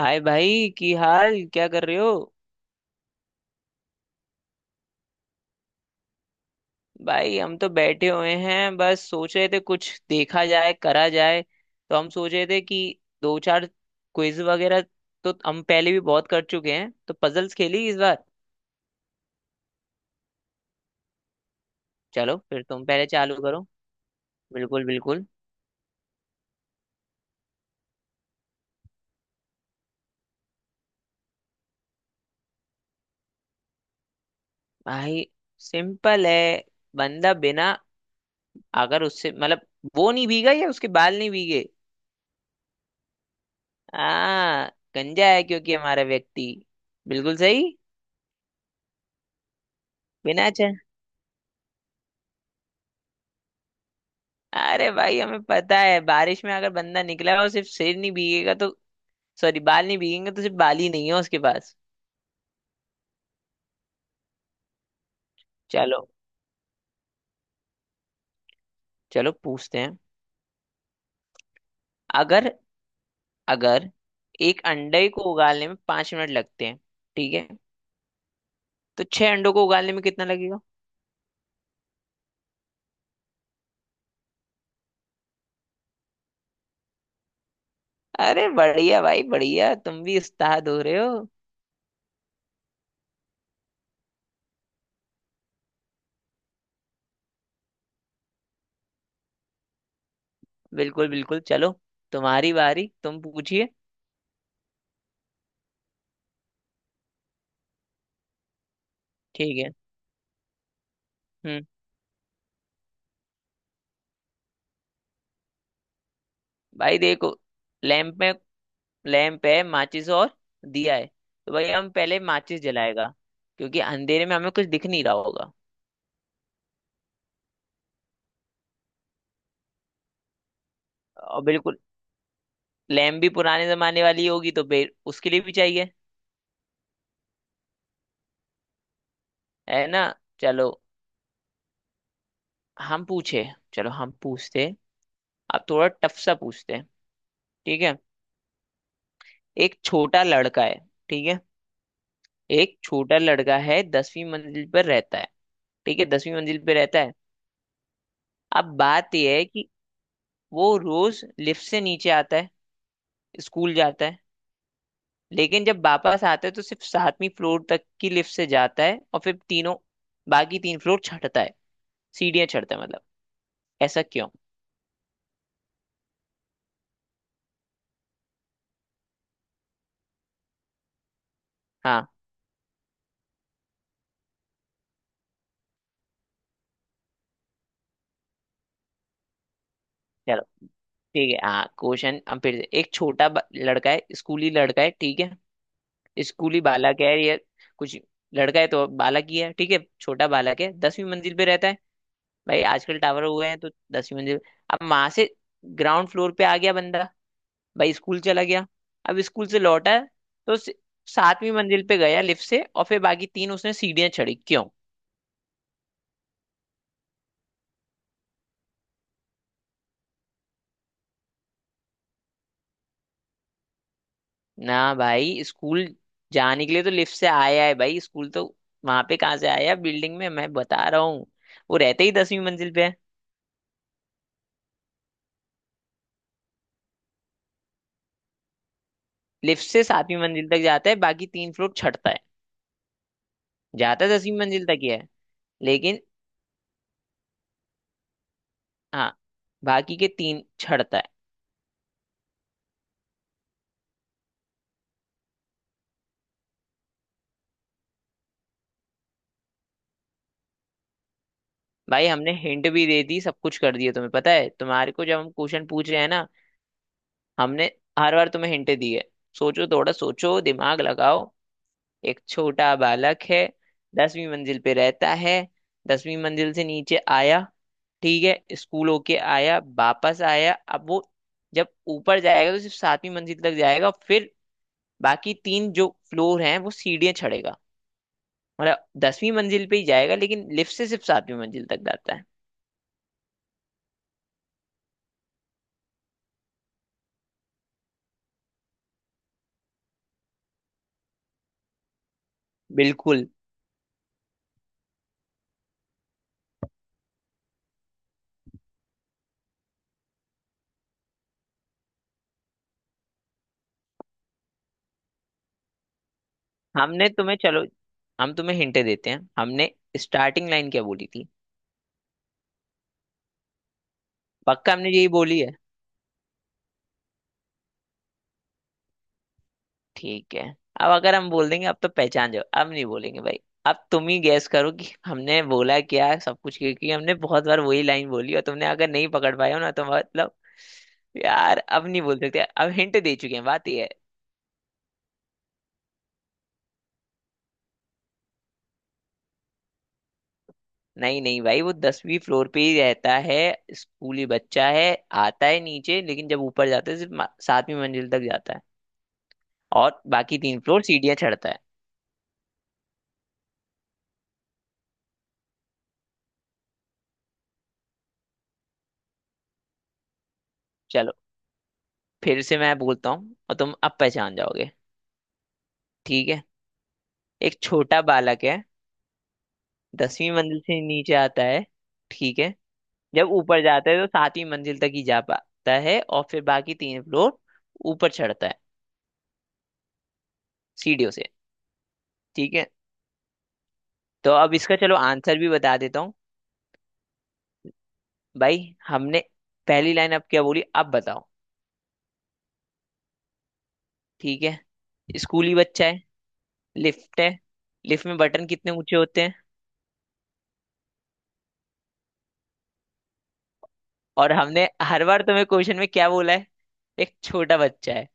हाय भाई, की हाल क्या कर रहे हो? भाई, हम तो बैठे हुए हैं। बस सोच रहे थे कुछ देखा जाए, करा जाए। तो हम सोच रहे थे कि दो चार क्विज वगैरह तो हम पहले भी बहुत कर चुके हैं, तो पजल्स खेली इस बार। चलो फिर तुम पहले चालू करो। बिल्कुल बिल्कुल। भाई सिंपल है। बंदा बिना, अगर उससे मतलब वो नहीं भीगा या उसके बाल नहीं भीगे? हाँ, गंजा है क्योंकि हमारा व्यक्ति। बिल्कुल सही। बिना। अरे भाई, हमें पता है बारिश में अगर बंदा निकला और सिर्फ सिर नहीं भीगेगा तो, सॉरी, बाल नहीं भीगेंगे तो सिर्फ बाल ही नहीं है उसके पास। चलो, चलो पूछते हैं। अगर अगर एक अंडे को उगालने में 5 मिनट लगते हैं, ठीक है? तो छह अंडों को उगालने में कितना लगेगा? अरे बढ़िया भाई बढ़िया, तुम भी उस्ताद हो रहे हो। बिल्कुल बिल्कुल। चलो तुम्हारी बारी, तुम पूछिए। ठीक है। हम्म भाई देखो। लैंप में, लैंप है, माचिस और दिया है। तो भाई हम पहले माचिस जलाएगा, क्योंकि अंधेरे में हमें कुछ दिख नहीं रहा होगा। और बिल्कुल, लैंप भी पुराने जमाने वाली होगी तो फिर उसके लिए भी चाहिए। है ना? चलो हम पूछे, चलो हम पूछते, अब थोड़ा टफ सा पूछते हैं। ठीक है। एक छोटा लड़का है। ठीक है, एक छोटा लड़का है, 10वीं मंजिल पर रहता है। ठीक है, 10वीं मंजिल पे रहता है। अब बात यह है कि वो रोज लिफ्ट से नीचे आता है, स्कूल जाता है, लेकिन जब वापस आता है तो सिर्फ सातवीं फ्लोर तक की लिफ्ट से जाता है और फिर तीनों, बाकी तीन फ्लोर चढ़ता है, सीढ़ियां चढ़ता है मतलब। ऐसा क्यों? हाँ, चलो ठीक है। हाँ, क्वेश्चन हम फिर से। एक छोटा लड़का है, स्कूली लड़का है, ठीक है। स्कूली बालक है या कुछ, लड़का है तो बालक ही है। ठीक है, छोटा बालक है, दसवीं मंजिल पे रहता है। भाई आजकल टावर हुए हैं तो 10वीं मंजिल। अब वहां से ग्राउंड फ्लोर पे आ गया बंदा, भाई स्कूल चला गया। अब स्कूल से लौटा तो सातवीं मंजिल पे गया लिफ्ट से और फिर बाकी तीन उसने सीढ़ियां चढ़ी। क्यों? ना भाई, स्कूल जाने के लिए तो लिफ्ट से आया है भाई, स्कूल तो। वहां पे कहाँ से आया, बिल्डिंग में मैं बता रहा हूँ, वो रहते ही 10वीं मंजिल पे है। लिफ्ट से सातवीं मंजिल तक जाता है, बाकी तीन फ्लोर चढ़ता है। जाता 10वीं मंजिल तक ही है लेकिन। हाँ, बाकी के तीन चढ़ता है। भाई हमने हिंट भी दे दी, सब कुछ कर दिया। तुम्हें पता है तुम्हारे को, जब हम क्वेश्चन पूछ रहे हैं ना, हमने हर बार तुम्हें हिंट दी है। सोचो, थोड़ा सोचो, दिमाग लगाओ। एक छोटा बालक है, 10वीं मंजिल पे रहता है, 10वीं मंजिल से नीचे आया। ठीक है, स्कूल होके आया, वापस आया, अब वो जब ऊपर जाएगा तो सिर्फ सातवीं मंजिल तक जाएगा, फिर बाकी तीन जो फ्लोर हैं वो सीढ़ियां चढ़ेगा, मतलब 10वीं मंजिल पे ही जाएगा लेकिन लिफ्ट से सिर्फ सातवीं मंजिल तक जाता है। बिल्कुल। हमने तुम्हें, चलो हम तुम्हें हिंट देते हैं। हमने स्टार्टिंग लाइन क्या बोली थी? पक्का हमने यही बोली है। ठीक है। अब अगर हम बोल देंगे, अब तो पहचान जाओ। अब नहीं बोलेंगे भाई। अब तुम ही गैस करो कि हमने बोला क्या, सब कुछ, क्योंकि हमने बहुत बार वही लाइन बोली, और तुमने अगर नहीं पकड़ पाए हो ना, तो मतलब यार, अब नहीं बोल सकते। अब हिंट दे चुके हैं, बात ये है। नहीं नहीं भाई, वो 10वीं फ्लोर पे ही रहता है। स्कूली बच्चा है, आता है नीचे, लेकिन जब ऊपर जाता है सिर्फ सातवीं मंजिल तक जाता है और बाकी तीन फ्लोर सीढ़ियां चढ़ता है। चलो फिर से मैं बोलता हूँ और तुम अब पहचान जाओगे। ठीक है। एक छोटा बालक है, दसवीं मंजिल से नीचे आता है, ठीक है, जब ऊपर जाता है तो सातवीं मंजिल तक ही जा पाता है और फिर बाकी तीन फ्लोर ऊपर चढ़ता है, सीढ़ियों से। ठीक है, तो अब इसका चलो आंसर भी बता देता हूँ भाई। हमने पहली लाइन अब क्या बोली, अब बताओ? ठीक है, स्कूली बच्चा है, लिफ्ट है, लिफ्ट में बटन कितने ऊंचे होते हैं? और हमने हर बार तुम्हें क्वेश्चन में क्या बोला है? एक छोटा बच्चा है।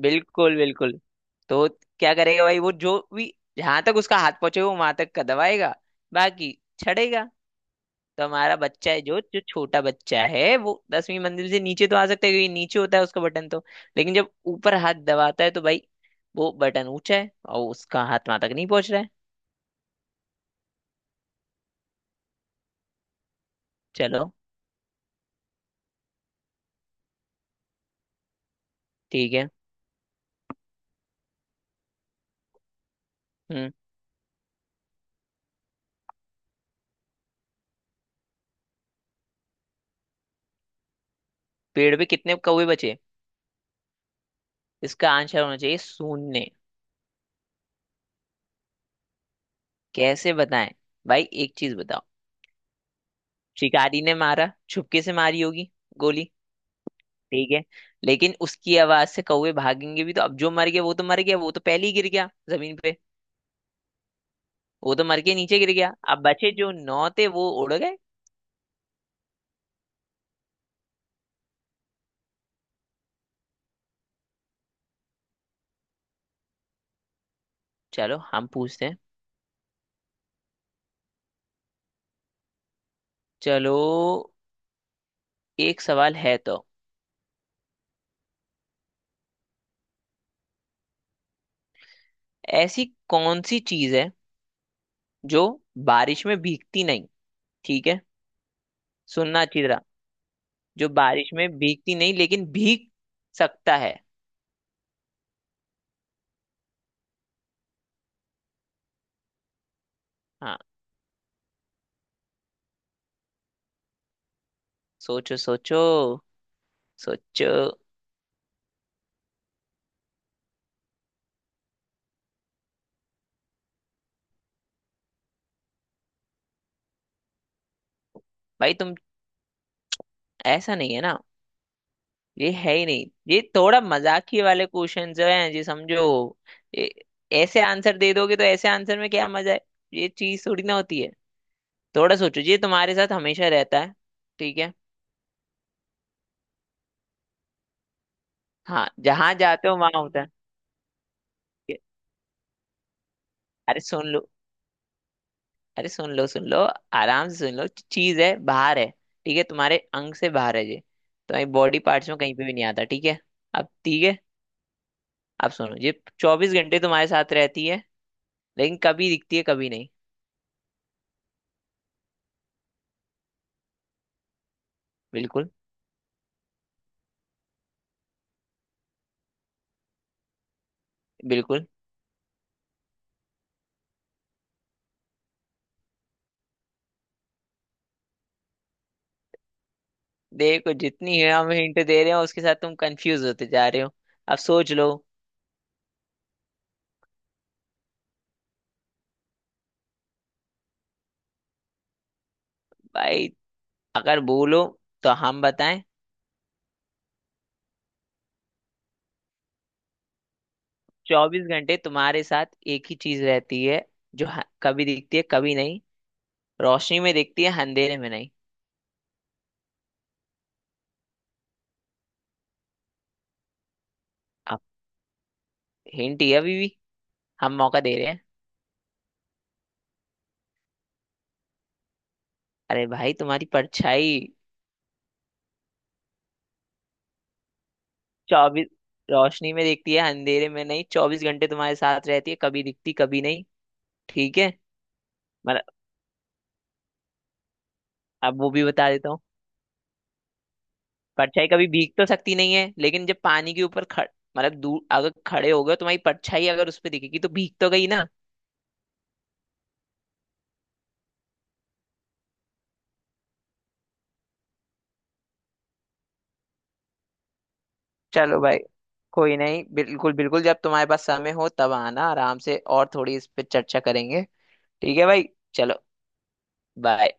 बिल्कुल बिल्कुल। तो क्या करेगा भाई? वो, जो भी, जहां तक उसका हाथ पहुंचे वो वहां तक दबाएगा, बाकी छड़ेगा। तो हमारा बच्चा है जो जो छोटा बच्चा है, वो 10वीं मंजिल से नीचे तो आ सकता है क्योंकि नीचे होता है उसका बटन तो, लेकिन जब ऊपर हाथ दबाता है तो भाई, वो बटन ऊंचा है और उसका हाथ वहां तक नहीं पहुंच रहा है। चलो। ठीक है। हम्म पेड़ पे कितने कौवे बचे? इसका आंसर होना चाहिए शून्य। कैसे बताएं? भाई एक चीज बताओ, शिकारी ने मारा, छुपके से मारी होगी गोली, ठीक है? लेकिन उसकी आवाज से कौवे भागेंगे भी तो। अब जो मर गया वो तो मर गया, वो तो पहले ही गिर गया जमीन पे, वो तो मर के नीचे गिर गया। अब बचे जो नौ थे वो उड़ गए। चलो हम पूछते हैं, चलो। एक सवाल है तो। ऐसी कौन सी चीज है जो बारिश में भीगती नहीं? ठीक है, सुनना अच्छी तरह। जो बारिश में भीगती नहीं लेकिन भीग सकता है। हाँ, सोचो, सोचो, सोचो। भाई तुम, ऐसा नहीं है ना, ये है ही नहीं। ये थोड़ा मजाकी वाले क्वेश्चन जो हैं जी, समझो। ये ऐसे आंसर दे दोगे तो ऐसे आंसर में क्या मजा है? ये चीज थोड़ी ना होती है। थोड़ा सोचो, ये तुम्हारे साथ हमेशा रहता है, ठीक है? हाँ, जहां जाते हो वहां होता है। ठीक है। अरे सुन लो, अरे सुन लो, सुन लो, आराम से सुन लो। चीज है, बाहर है, ठीक है, तुम्हारे अंग से बाहर है ये, तुम्हारी बॉडी पार्ट्स में कहीं पे भी नहीं आता। ठीक है, अब ठीक है। अब सुनो, ये 24 घंटे तुम्हारे साथ रहती है, लेकिन कभी दिखती है कभी नहीं। बिल्कुल बिल्कुल। देखो जितनी है हम हिंट दे रहे हो, उसके साथ तुम कंफ्यूज होते जा रहे हो। अब सोच लो। भाई, अगर बोलो तो हम बताएं। 24 घंटे तुम्हारे साथ एक ही चीज रहती है, जो कभी दिखती है कभी नहीं, रोशनी में दिखती है अंधेरे में नहीं। अब हिंट ये, अभी भी हम मौका दे रहे हैं। अरे भाई, तुम्हारी परछाई। 24, रोशनी में दिखती है अंधेरे में नहीं, 24 घंटे तुम्हारे साथ रहती है, कभी दिखती कभी नहीं, ठीक है? मतलब अब वो भी बता देता हूँ। परछाई कभी भीग तो सकती नहीं है, लेकिन जब पानी के ऊपर खड़ मतलब दूर अगर खड़े हो गए, तुम्हारी परछाई अगर उस पर दिखेगी तो भीग तो गई ना। चलो भाई। कोई नहीं, बिल्कुल बिल्कुल, जब तुम्हारे पास समय हो तब आना आराम से और थोड़ी इस पे चर्चा करेंगे। ठीक है भाई। चलो, बाय।